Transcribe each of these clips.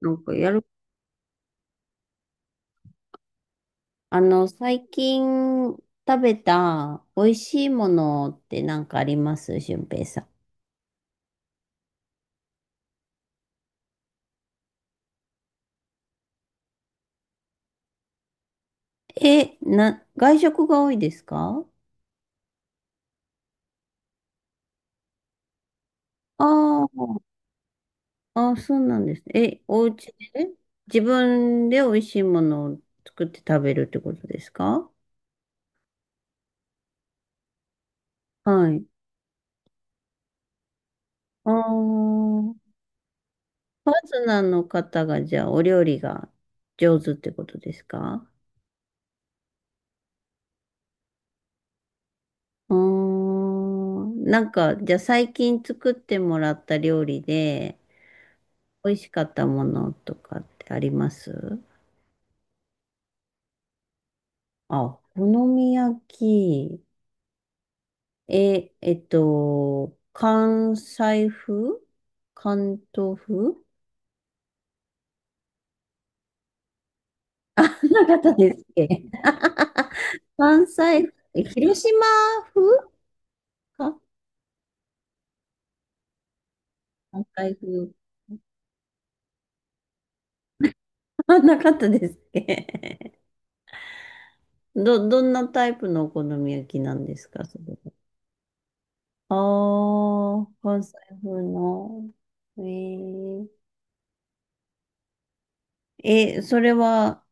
なんかやる、最近食べた美味しいものってなんかあります俊平さん。外食が多いですか？ああ、あ、そうなんですね。え、お家で自分で美味しいものを作って食べるってことですか？はい。ああ、パートナーの方がじゃあお料理が上手ってことですか？うーん。なんか、じゃあ最近作ってもらった料理で、美味しかったものとかってあります？あ、お好み焼き。関西風関東風なかな方ですっけ？ 関西風、え広島風か関西風。あなかったですっけ？どんなタイプのお好み焼きなんですかそれは。ああ、関西風の。えー、え、それは、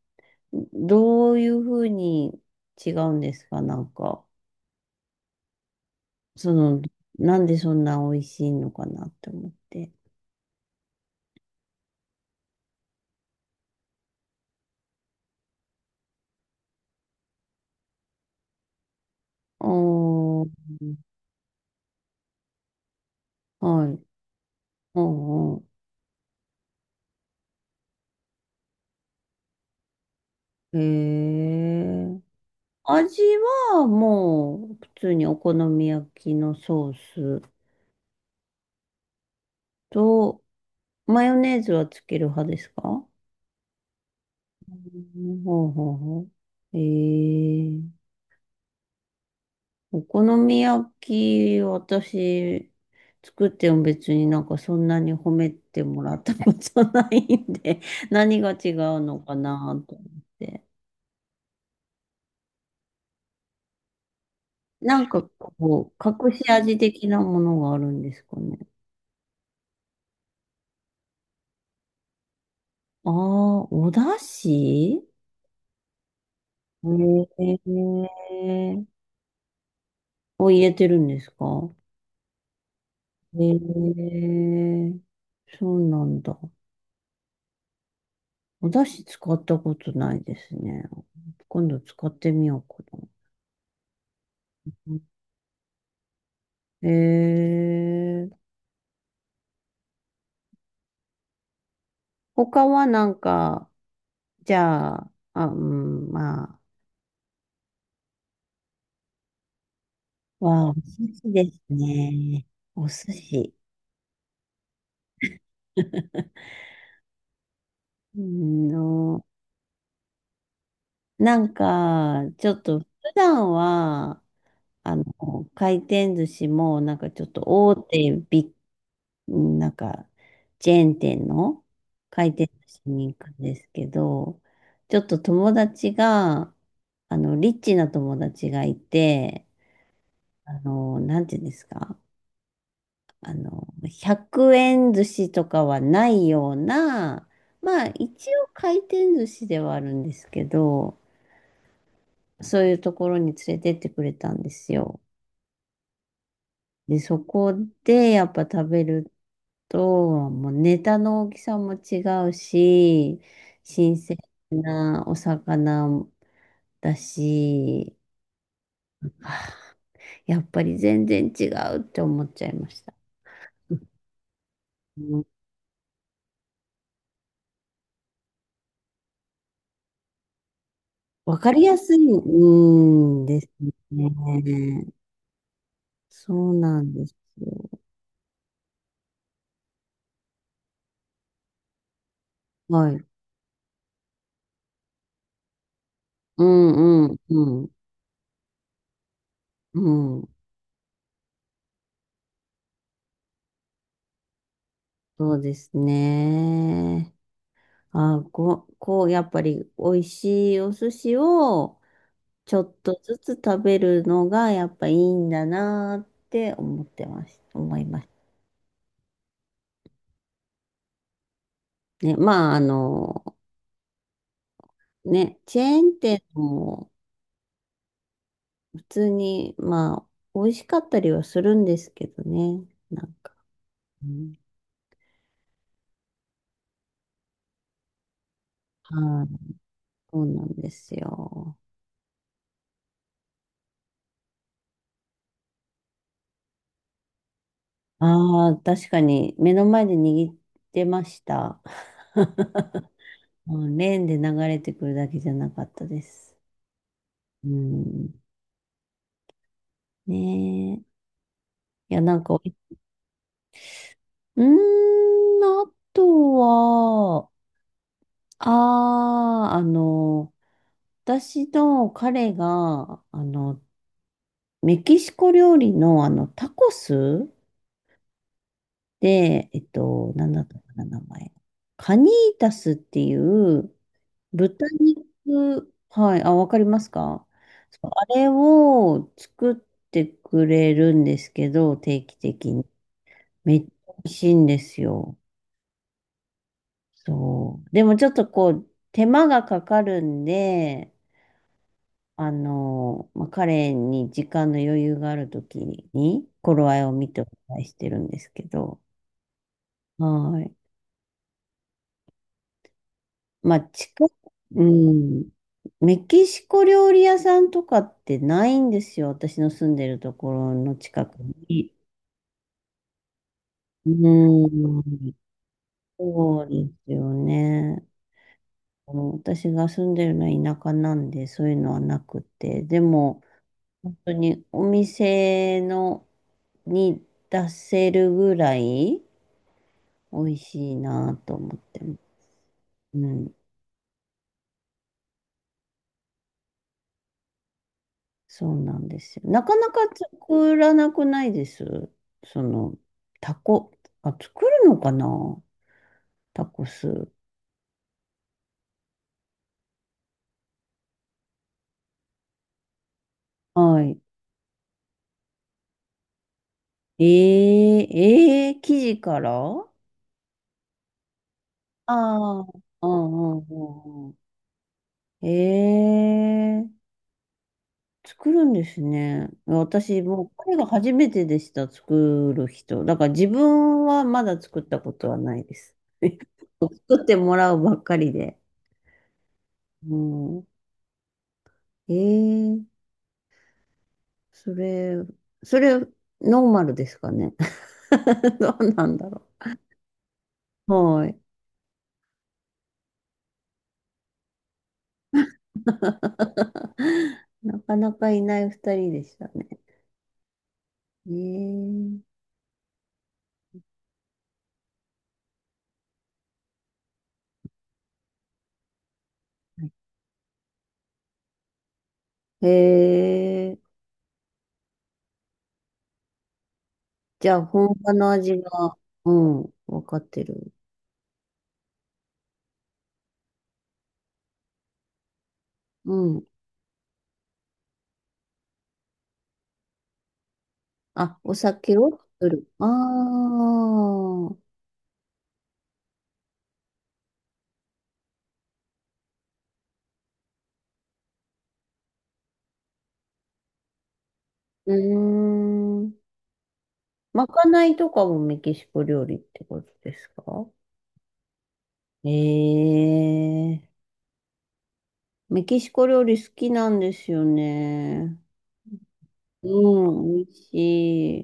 どういうふうに違うんですかなんか、その、なんでそんな美味しいのかなって思って。あー、はい。うんうん。へえ。味はもう、普通にお好み焼きのソースと、マヨネーズはつける派ですか？うんほうほうほう。へえ。お好み焼き、私、作っても別になんかそんなに褒めてもらったことないんで、何が違うのかなと思って。なんかこう、隠し味的なものがあるんですかね。ああ、お出汁、ええ、を入れてるんですか？ええ、そうなんだ。お出汁使ったことないですね。今度使ってみようかな。ええ、他はなんか、じゃあ、あ、うん、まあ、わあ、お寿司ですね。お寿司。うんの、なんか、ちょっと、普段は、あの、回転寿司も、なんかちょっと大手ビッ、なんか、チェーン店の回転寿司に行くんですけど、ちょっと友達が、リッチな友達がいて、なんていうんですか、100円寿司とかはないような、まあ一応回転寿司ではあるんですけど、そういうところに連れてってくれたんですよ。で、そこでやっぱ食べると、もうネタの大きさも違うし、新鮮なお魚だし、はあ、やっぱり全然違うって思っちゃいました。うん、わかりやすい、うん、ですね。そうなんですよ。はい。うんうんうん。うん。そうですね。やっぱり美味しいお寿司をちょっとずつ食べるのがやっぱいいんだなって思ってます。思います。ね。まあ、ね、チェーン店も普通に、まあ、美味しかったりはするんですけどね。なんか。うん、はい、そうなんですよ。ああ、確かに目の前で握ってました。うん、レーンで流れてくるだけじゃなかったです。うん。ねえ。いや、なんか、うーん、あとは、ああ、あの、私の彼が、メキシコ料理の、タコスで、なんだったかな、名前。カニータスっていう、豚肉、はい、あ、わかりますか？そう、あれを作ってくれるんですけど、定期的に。めっちゃ美味しいんですよ。そう。でもちょっとこう、手間がかかるんで、まあ、彼に時間の余裕があるときに、頃合いを見てお願いしてるんですけど、はい。まあ、近く、うん、メキシコ料理屋さんとかってないんですよ。私の住んでるところの近くに。うん、そうですよね。あの私が住んでるのは田舎なんで、そういうのはなくて。でも、本当にお店のに出せるぐらい美味しいなと思ってます。うん、そうなんですよ。なかなか作らなくないです。その、タコ。あ、作るのかなタコス。はい。えー、えー、生地からあ、あー、うんうんうんうん。えー、作るんですね。私、もう、これが初めてでした、作る人。だから自分はまだ作ったことはないです。作ってもらうばっかりで。うん。えー、それ、それ、ノーマルですかね。どうなんだろう。はい。なかなかいない二人でしたね。ねえ。へえ。じゃあ、本場の味が、うん、わかってる。うん。あ、お酒を作る。ああ。うーん。まかないとかもメキシコ料理ってことですか？ええ。メキシコ料理好きなんですよね。うん、美味し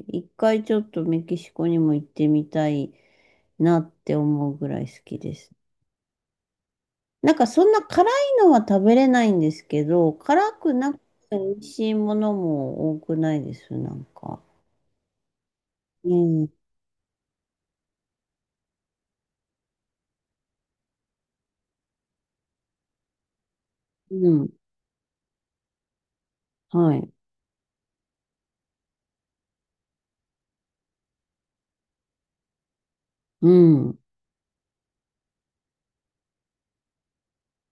い。一回ちょっとメキシコにも行ってみたいなって思うぐらい好きです。なんかそんな辛いのは食べれないんですけど、辛くなくて美味しいものも多くないです、なんか。うん、うん、はい、うん、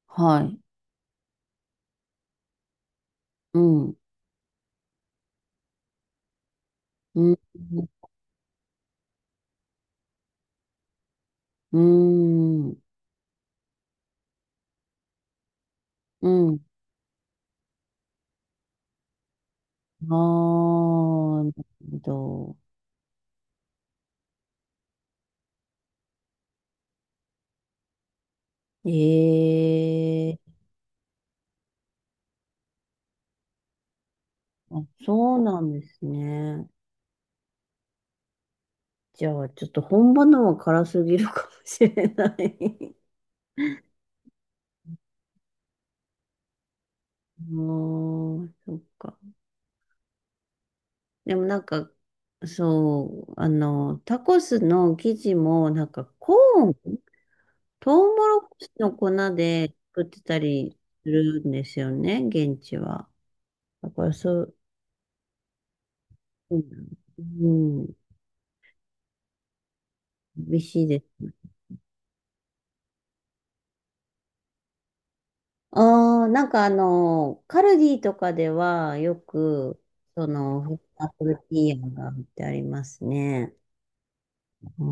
はい、うん、うん、うん、うん。ああー、なるほど。ええ、あ、そうなんですね。じゃあ、ちょっと本場のは辛すぎるかもしれない。もうん、そっか。でもなんか、そう、タコスの生地も、なんかコーン、トウモロコシの粉で作ってたりするんですよね、現地は。だからそう、うん、うん、美味しいですね。ああ、なんかあの、カルディとかではよく、その、アップルティーヤが売ってありますね。う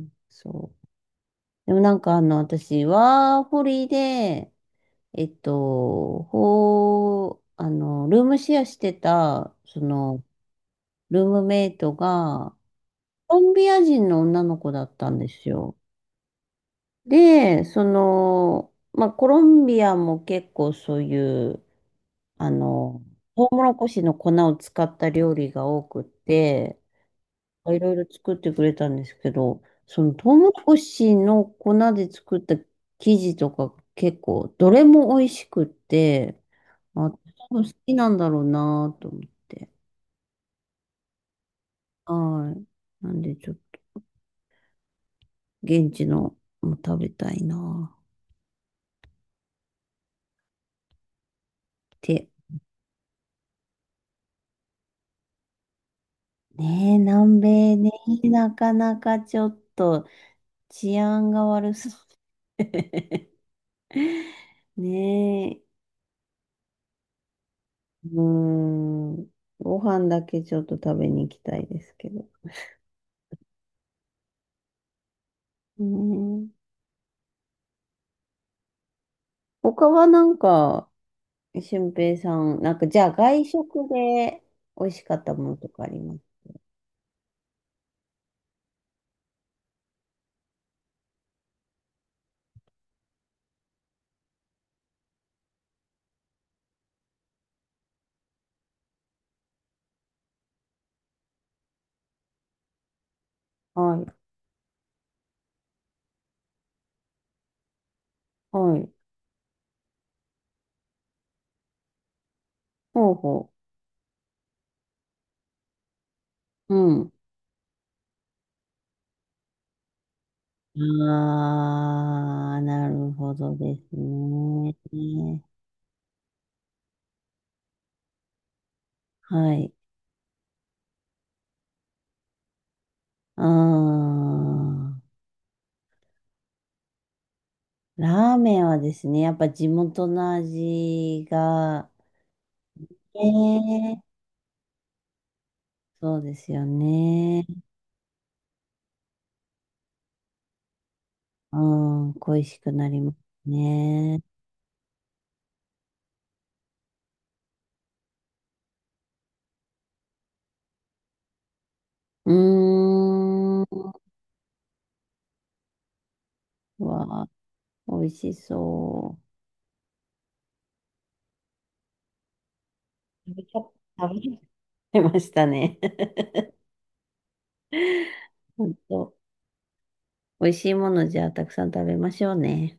ん、そう。でもなんかあの、私、ワーホリで、えっと、ほう、あの、ルームシェアしてた、その、ルームメイトが、コロンビア人の女の子だったんですよ。で、その、まあ、コロンビアも結構そういう、あの、トウモロコシの粉を使った料理が多くって、いろいろ作ってくれたんですけど、そのトウモロコシの粉で作った生地とか結構、どれも美味しくって、あ、多分好きなんだろうなと思って。はい。なんでちょっと現地のも食べたいなって。ねえ、南米ね、なかなかちょっと治安が悪そう。ねえ、うーん。ご飯だけちょっと食べに行きたいですけど。うーん。他はなんか、俊平さん、なんか、じゃあ外食で美味しかったものとかあります？はい。はい。ほうほう。うん。ああ、なるほどですね。はい。ああ、ラーメンはですね、やっぱ地元の味が、ええ、そうですよね。ああ、恋しくなりますね。うーん。うわあ、美味しそう。食べちゃいましたね。本当、美味しいものじゃあたくさん食べましょうね。